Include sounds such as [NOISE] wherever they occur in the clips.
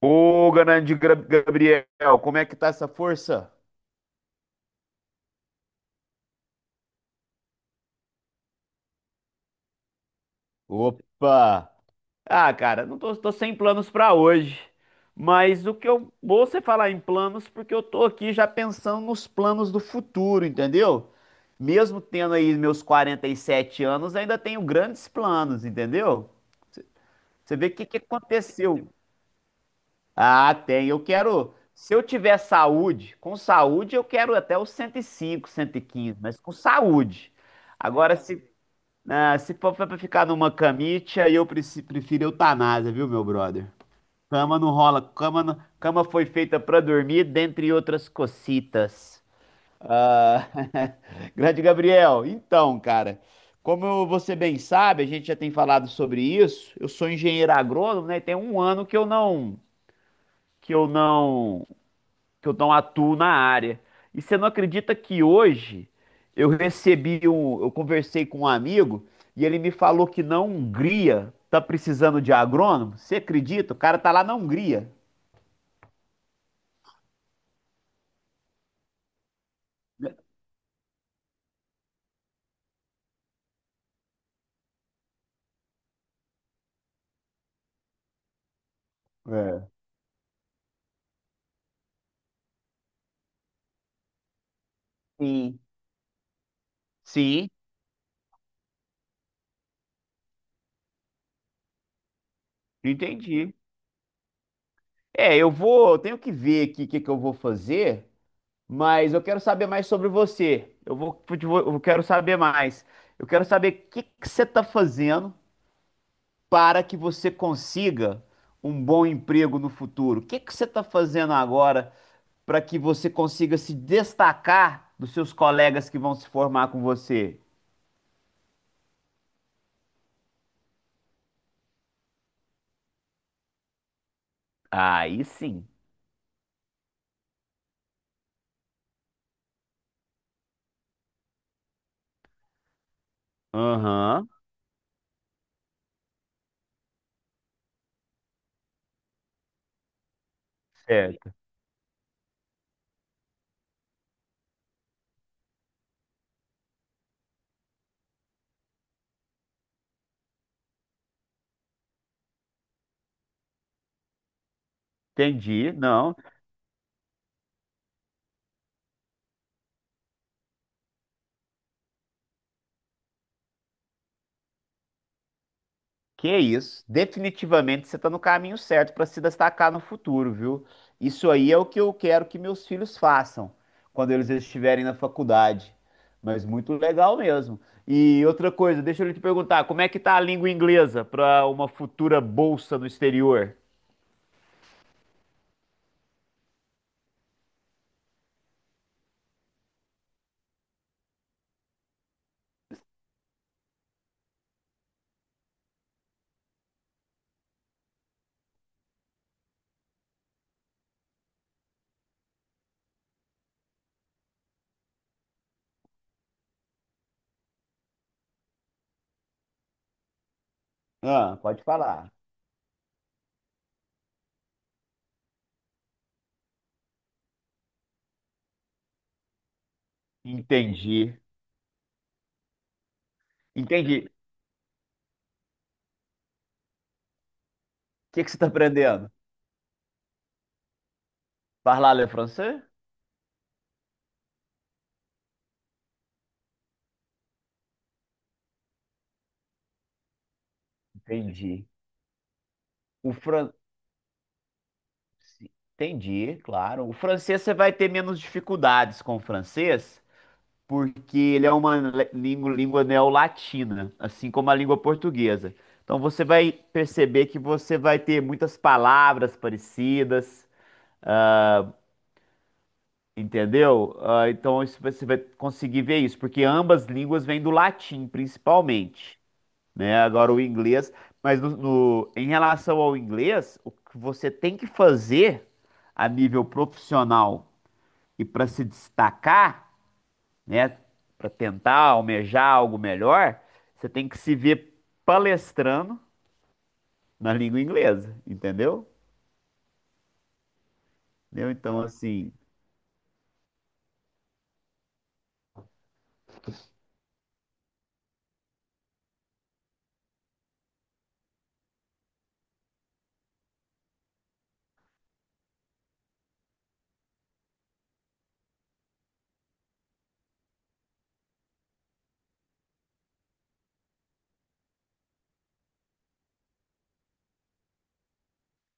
Ô, grande Gabriel, como é que tá essa força? Opa! Ah, cara, tô sem planos pra hoje. Mas o que eu vou você falar em planos, porque eu tô aqui já pensando nos planos do futuro, entendeu? Mesmo tendo aí meus 47 anos, ainda tenho grandes planos, entendeu? Você vê o que que aconteceu. Ah, tem. Eu quero. Se eu tiver saúde, com saúde eu quero até os 105, 115, mas com saúde. Agora, se, ah, se for pra ficar numa camite, aí eu prefiro eutanásia, viu, meu brother? Cama não rola, cama, cama foi feita pra dormir, dentre outras cocitas. Ah, [LAUGHS] grande Gabriel, então, cara, como você bem sabe, a gente já tem falado sobre isso. Eu sou engenheiro agrônomo, né? E tem um ano que que eu não eu não atuo na área. E você não acredita que hoje eu conversei com um amigo e ele me falou que na Hungria tá precisando de agrônomo? Você acredita? O cara tá lá na Hungria. É. Sim. Sim, entendi. É, eu tenho que ver aqui o que que eu vou fazer, mas eu quero saber mais sobre você. Eu quero saber mais. Eu quero saber o que que você tá fazendo para que você consiga um bom emprego no futuro. O que que você está fazendo agora para que você consiga se destacar dos seus colegas que vão se formar com você? Aí sim. Aham, certo. Entendi. Não, que isso? Definitivamente você está no caminho certo para se destacar no futuro, viu? Isso aí é o que eu quero que meus filhos façam quando eles estiverem na faculdade. Mas muito legal mesmo. E outra coisa, deixa eu te perguntar, como é que tá a língua inglesa para uma futura bolsa no exterior? Ah, pode falar. Entendi. Entendi. O que que você está aprendendo? Parlar le français? Entendi. O fran... Entendi, claro. O francês você vai ter menos dificuldades com o francês, porque ele é uma língua, língua neolatina, assim como a língua portuguesa. Então você vai perceber que você vai ter muitas palavras parecidas, entendeu? Ah, então isso você vai conseguir ver isso, porque ambas línguas vêm do latim, principalmente, né? Agora o inglês, mas em relação ao inglês, o que você tem que fazer a nível profissional e para se destacar, né? Para tentar almejar algo melhor, você tem que se ver palestrando na língua inglesa, entendeu? Entendeu? Então, assim,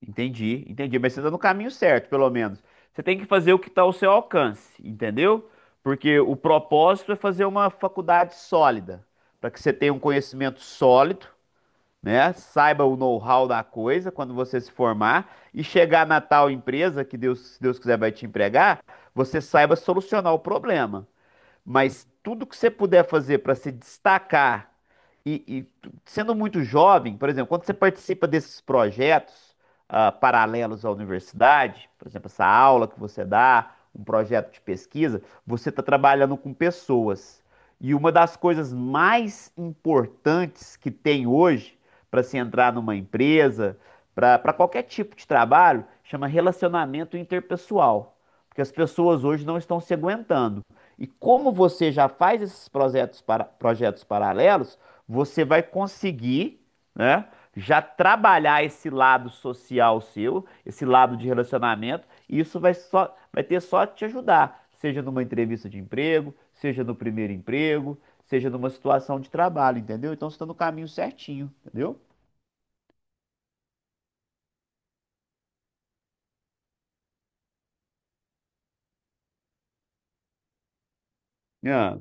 entendi, entendi. Mas você está no caminho certo, pelo menos. Você tem que fazer o que está ao seu alcance, entendeu? Porque o propósito é fazer uma faculdade sólida, para que você tenha um conhecimento sólido, né? Saiba o know-how da coisa quando você se formar e chegar na tal empresa que Deus, se Deus quiser, vai te empregar, você saiba solucionar o problema. Mas tudo que você puder fazer para se destacar sendo muito jovem, por exemplo, quando você participa desses projetos ah, paralelos à universidade, por exemplo, essa aula que você dá, um projeto de pesquisa, você está trabalhando com pessoas. E uma das coisas mais importantes que tem hoje para se entrar numa empresa, para qualquer tipo de trabalho, chama relacionamento interpessoal. Porque as pessoas hoje não estão se aguentando. E como você já faz esses projetos, projetos paralelos, você vai conseguir, né, já trabalhar esse lado social seu, esse lado de relacionamento, e isso vai ter só te ajudar, seja numa entrevista de emprego, seja no primeiro emprego, seja numa situação de trabalho, entendeu? Então você está no caminho certinho, entendeu? Ah,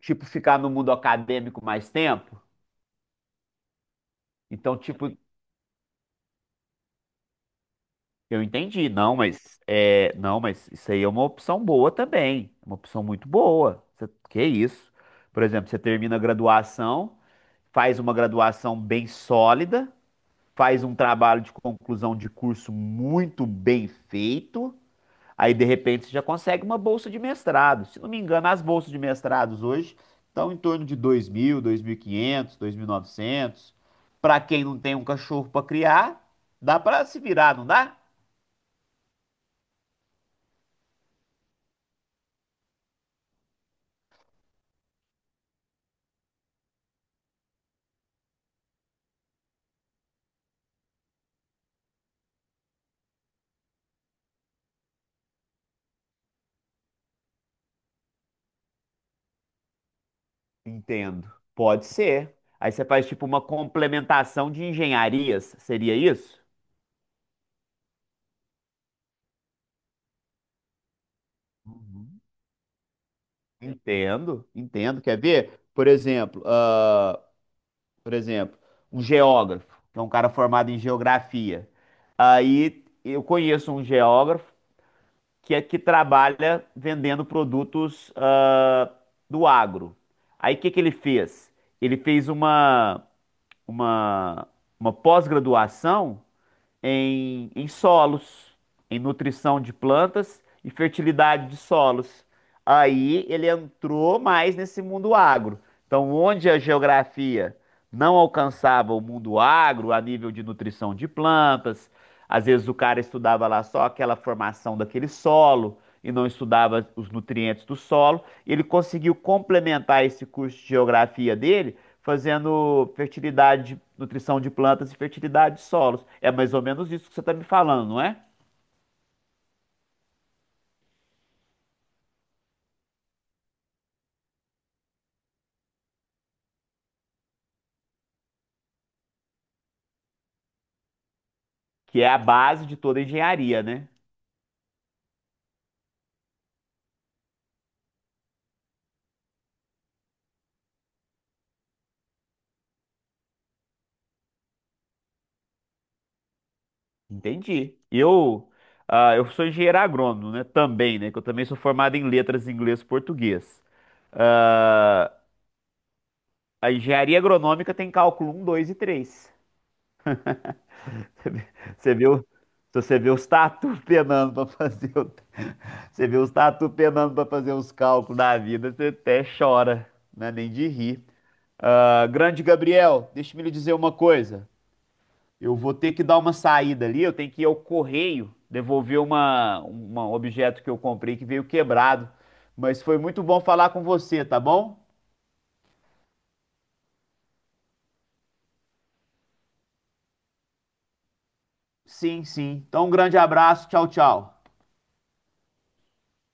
tipo, ficar no mundo acadêmico mais tempo. Então, tipo, eu entendi, não, mas isso aí é uma opção boa também, uma opção muito boa. Que isso? Por exemplo, você termina a graduação, faz uma graduação bem sólida, faz um trabalho de conclusão de curso muito bem feito, aí de repente você já consegue uma bolsa de mestrado. Se não me engano, as bolsas de mestrados hoje estão em torno de 2.000, 2.500, novecentos. Para quem não tem um cachorro para criar, dá para se virar, não dá? Entendo. Pode ser. Aí você faz tipo uma complementação de engenharias, seria isso? Uhum. Entendo, entendo. Quer ver? Por exemplo, ah, por exemplo, um geógrafo, que é um cara formado em geografia. Aí eu conheço um geógrafo que trabalha vendendo produtos, ah, do agro. Aí o que que ele fez? Ele fez uma, uma pós-graduação em solos, em nutrição de plantas e fertilidade de solos. Aí ele entrou mais nesse mundo agro. Então, onde a geografia não alcançava o mundo agro a nível de nutrição de plantas, às vezes o cara estudava lá só aquela formação daquele solo e não estudava os nutrientes do solo. Ele conseguiu complementar esse curso de geografia dele fazendo fertilidade, nutrição de plantas e fertilidade de solos. É mais ou menos isso que você está me falando, não é? Que é a base de toda a engenharia, né? Entendi. Eu, ah, eu sou engenheiro agrônomo, né? Também, né? Que eu também sou formado em letras inglês e português. Ah, a engenharia agronômica tem cálculo um, 2 e 3. Você vê, você vê o- se você vê os tatu penando para fazer [LAUGHS] você vê os tatu penando para fazer os cálculos da vida, você até chora, né? Nem de rir. Ah, grande Gabriel, deixa-me lhe dizer uma coisa. Eu vou ter que dar uma saída ali, eu tenho que ir ao correio devolver um objeto que eu comprei que veio quebrado. Mas foi muito bom falar com você, tá bom? Sim, sim. Então, um grande abraço, tchau, tchau.